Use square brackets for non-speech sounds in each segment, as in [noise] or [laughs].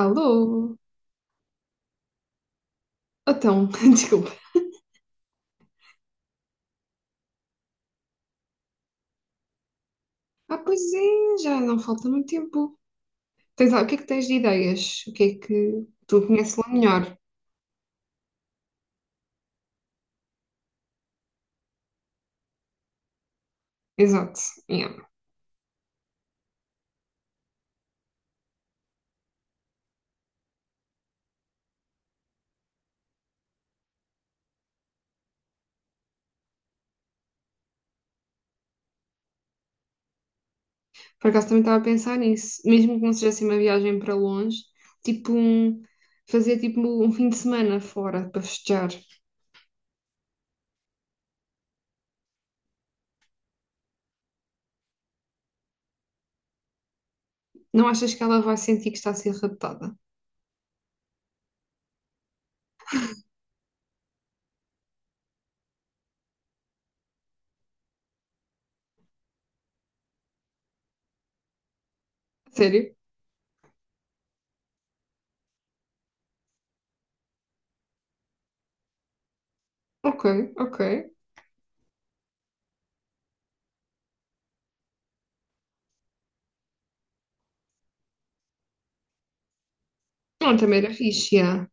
Alô? Então, [laughs] desculpa. Ah, pois é, já não falta muito tempo. Tens, lá- o que é que tens de ideias? O que é que tu conheces lá melhor? Exato. Yeah. Por acaso também estava a pensar nisso. Mesmo que não seja assim uma viagem para longe, tipo um, fazer tipo um fim de semana fora para festejar. Não achas que ela vai sentir que está a ser raptada? Sério? Ok, ok. Não, também era fixe, yeah.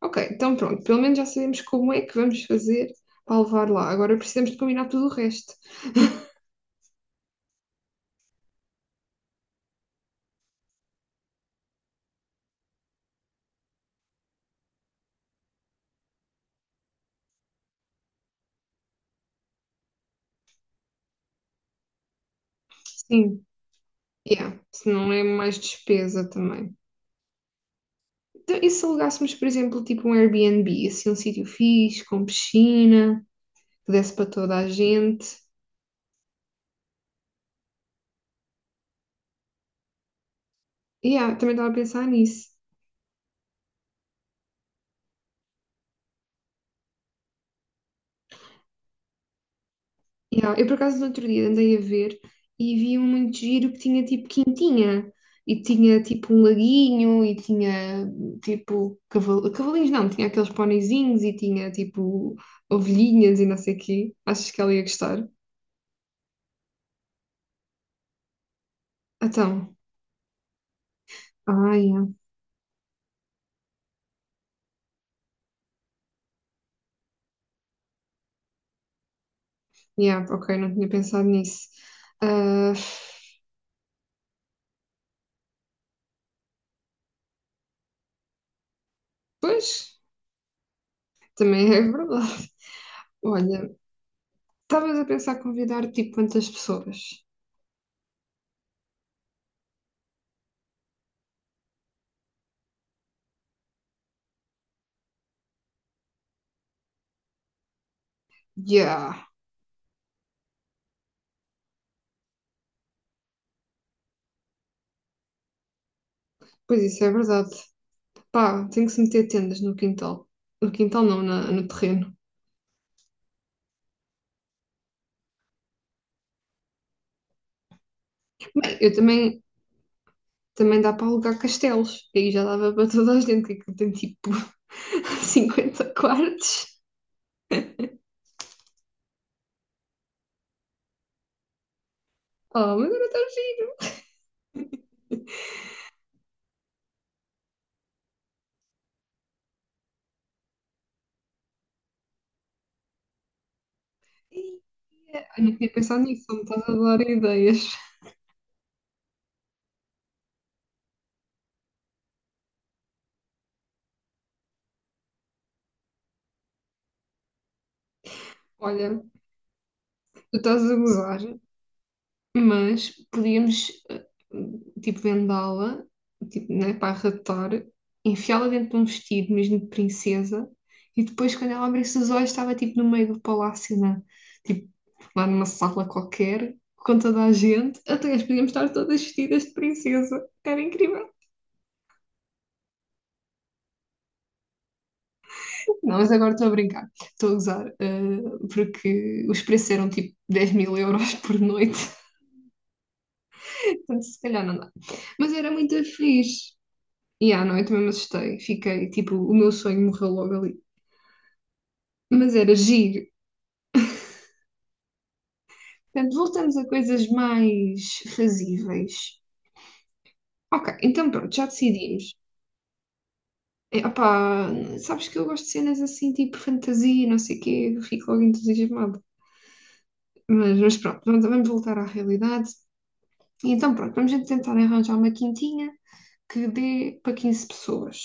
Ok, então pronto. Pelo menos já sabemos como é que vamos fazer para levar lá. Agora precisamos de combinar tudo o resto. Sim, yeah. Se não é mais despesa também. Então, e se alugássemos, por exemplo, tipo um Airbnb, assim, um sítio fixe, com piscina, que desse para toda a gente. Yeah, também estava a pensar nisso. Yeah. Eu, por acaso, no outro dia andei a ver e vi um muito giro que tinha tipo quintinha. E tinha tipo um laguinho, e tinha tipo caval- cavalinhos, não, tinha aqueles ponizinhos, e tinha tipo ovelhinhas e não sei o quê. Achas que ela ia gostar? Então, ai, ah, yeah. Yeah, ok, não tinha pensado nisso. Ah, pois, também é verdade. Olha, estavas a pensar convidar tipo quantas pessoas? Yeah, pois isso é verdade. Pá, tem que se meter tendas no quintal. No quintal não, na- no terreno. Eu também, também dá para alugar castelos. Aí já dava para toda a gente, que aquilo tem tipo [laughs] 50 quartos. Oh, mas era tão giro. Ai, não tinha pensado nisso, só me estás a dar ideias. Olha, tu estás a gozar, mas podíamos, tipo, vendá-la, tipo, né, para arredar, enfiá-la dentro de um vestido mesmo de princesa, e depois, quando ela abrisse os olhos, estava, tipo, no meio do palácio, né? Tipo, lá numa sala qualquer, com toda a gente, até as podíamos estar todas vestidas de princesa. Era incrível. Não, mas agora estou a brincar, estou a gozar, porque os preços eram, tipo, 10 000 euros por noite, [laughs] portanto, se calhar não dá. Mas era muito fixe. E à noite mesmo assustei. Fiquei, tipo, o meu sonho morreu logo ali. Mas era giro. Portanto, voltamos a coisas mais fazíveis. Ok, então pronto, já decidimos. É, opá, sabes que eu gosto de cenas assim, tipo fantasia, não sei o quê, eu fico logo entusiasmada. Mas pronto, vamos voltar à realidade. E então pronto, vamos então tentar arranjar uma quintinha que dê para 15 pessoas.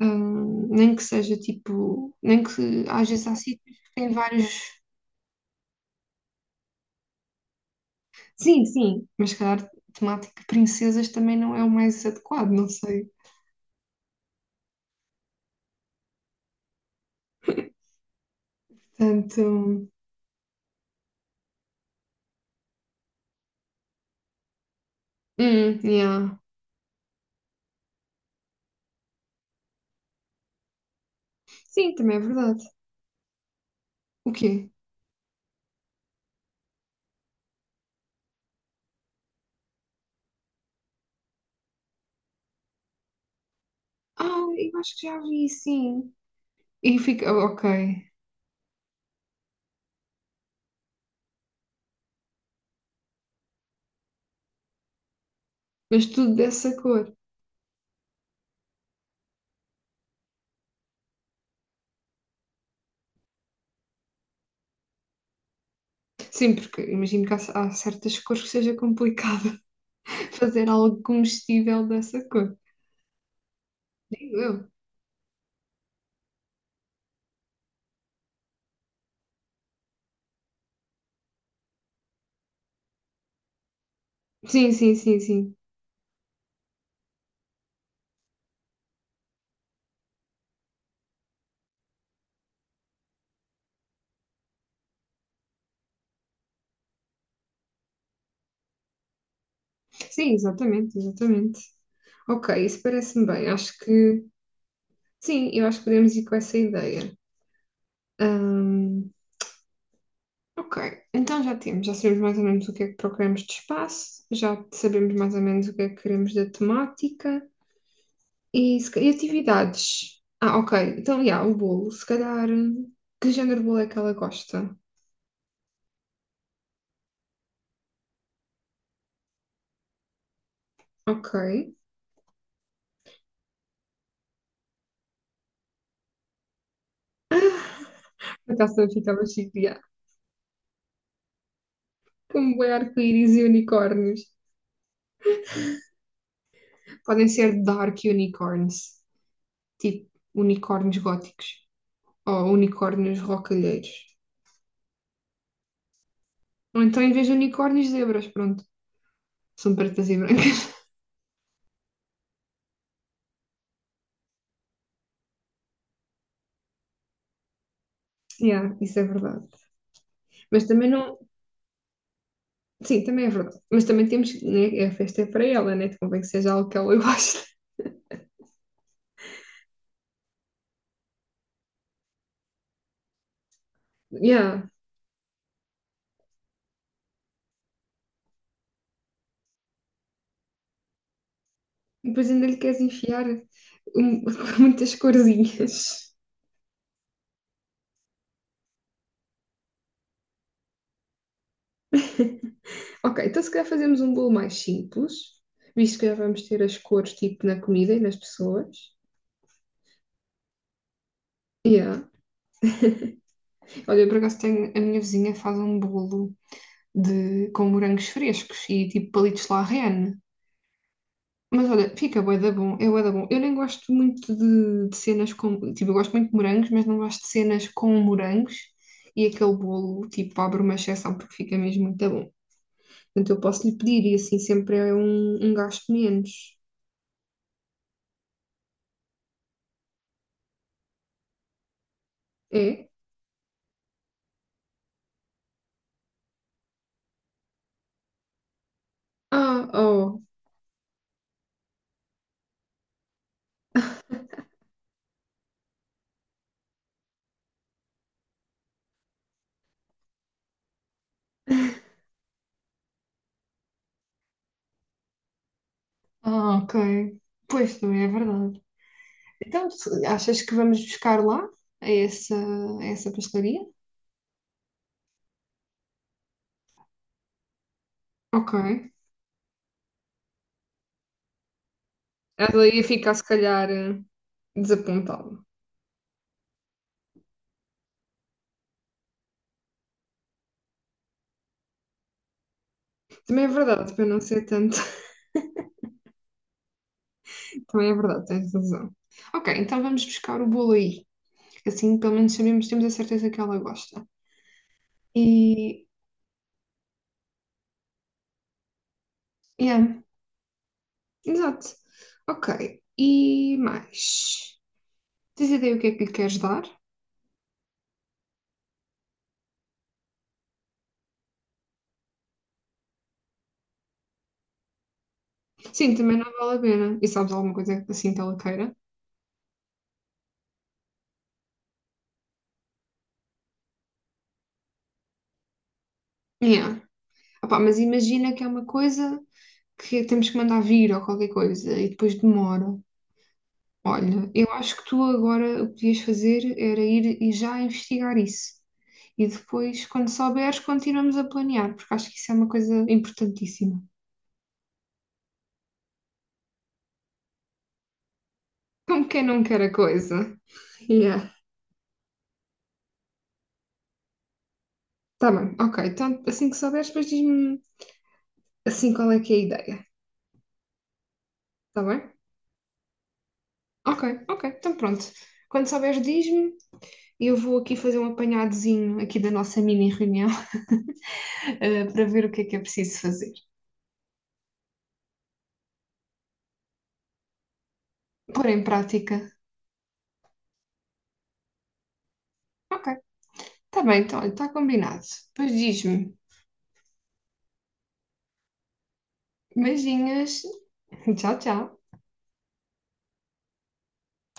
Nem que seja tipo, nem que haja sítios que têm vários. Sim, sim, mas se calhar temática princesas também não é o mais adequado, não sei. Portanto, yeah. Sim, também é verdade. O quê? Ah, eu acho que já vi, sim. E fica, oh, ok, mas tudo dessa cor. Sim, porque imagino que há, há certas cores que seja complicado [laughs] fazer algo comestível dessa cor. Digo eu. Sim, sim, sim, sim. Sim, exatamente, exatamente. Ok, isso parece-me bem. Acho que, sim, eu acho que podemos ir com essa ideia. Hum, ok, então já temos, já sabemos mais ou menos o que é que procuramos de espaço, já sabemos mais ou menos o que é que queremos da temática e, se ca- e atividades. Ah, ok, então, já, o bolo, se calhar, que género de bolo é que ela gosta? Ok, a taça ficava chique, já. Com bué arco-íris e unicórnios. Podem ser dark unicorns, tipo unicórnios góticos ou unicórnios rocalheiros. Ou então, em vez de unicórnios, zebras, pronto, são pretas e brancas. Yeah, isso é verdade. Mas também não. Sim, também é verdade. Mas também temos. Né, a festa é para ela, né? Convém que seja algo que ela [laughs] goste. Yeah. E depois ainda lhe queres enfiar um- [laughs] muitas corzinhas. Ok, então se calhar fazemos um bolo mais simples, visto que já vamos ter as cores tipo na comida e nas pessoas. Yeah. Olha, eu por acaso tenho. A minha vizinha faz um bolo de, com morangos frescos e tipo palitos de la reine. Mas olha, fica bué da bom, é bué da bom. Eu nem gosto muito de cenas com, tipo, eu gosto muito de morangos, mas não gosto de cenas com morangos e aquele bolo, tipo, abre uma exceção porque fica mesmo muito bom. Portanto, eu posso lhe pedir e assim sempre é um, um gasto menos. É? Ah, oh, ah, ok. Pois, também é verdade. Então, se- achas que vamos buscar lá, a essa, a essa pastelaria? Ok. Ela ia ficar, se calhar, desapontada. Também é verdade, para não ser tanto. Também é verdade, tens razão. Ok, então vamos buscar o bolo aí. Que assim, pelo menos sabemos, temos a certeza que ela gosta. E. Yeah, exato. Ok, e mais? Tens ideia o que é que lhe queres dar? Sim, também não vale a pena. E sabes alguma coisa assim que ela queira? Yeah. Opá, mas imagina que é uma coisa que temos que mandar vir ou qualquer coisa e depois demora. Olha, eu acho que tu agora o que podias fazer era ir e já investigar isso. E depois, quando souberes, continuamos a planear, porque acho que isso é uma coisa importantíssima. [laughs] Como quem não quer a coisa. Yeah. Tá bem, ok. Então, assim que souberes, depois diz-me assim qual é que é a ideia. Tá bem? Ok, ok. Então pronto. Quando souberes, diz-me. Eu vou aqui fazer um apanhadozinho aqui da nossa mini reunião, [laughs] eh, para ver o que é preciso fazer. Pôr em prática. Ok. Tá bem, então, está combinado. Depois diz-me. Beijinhos. [laughs] Tchau, tchau.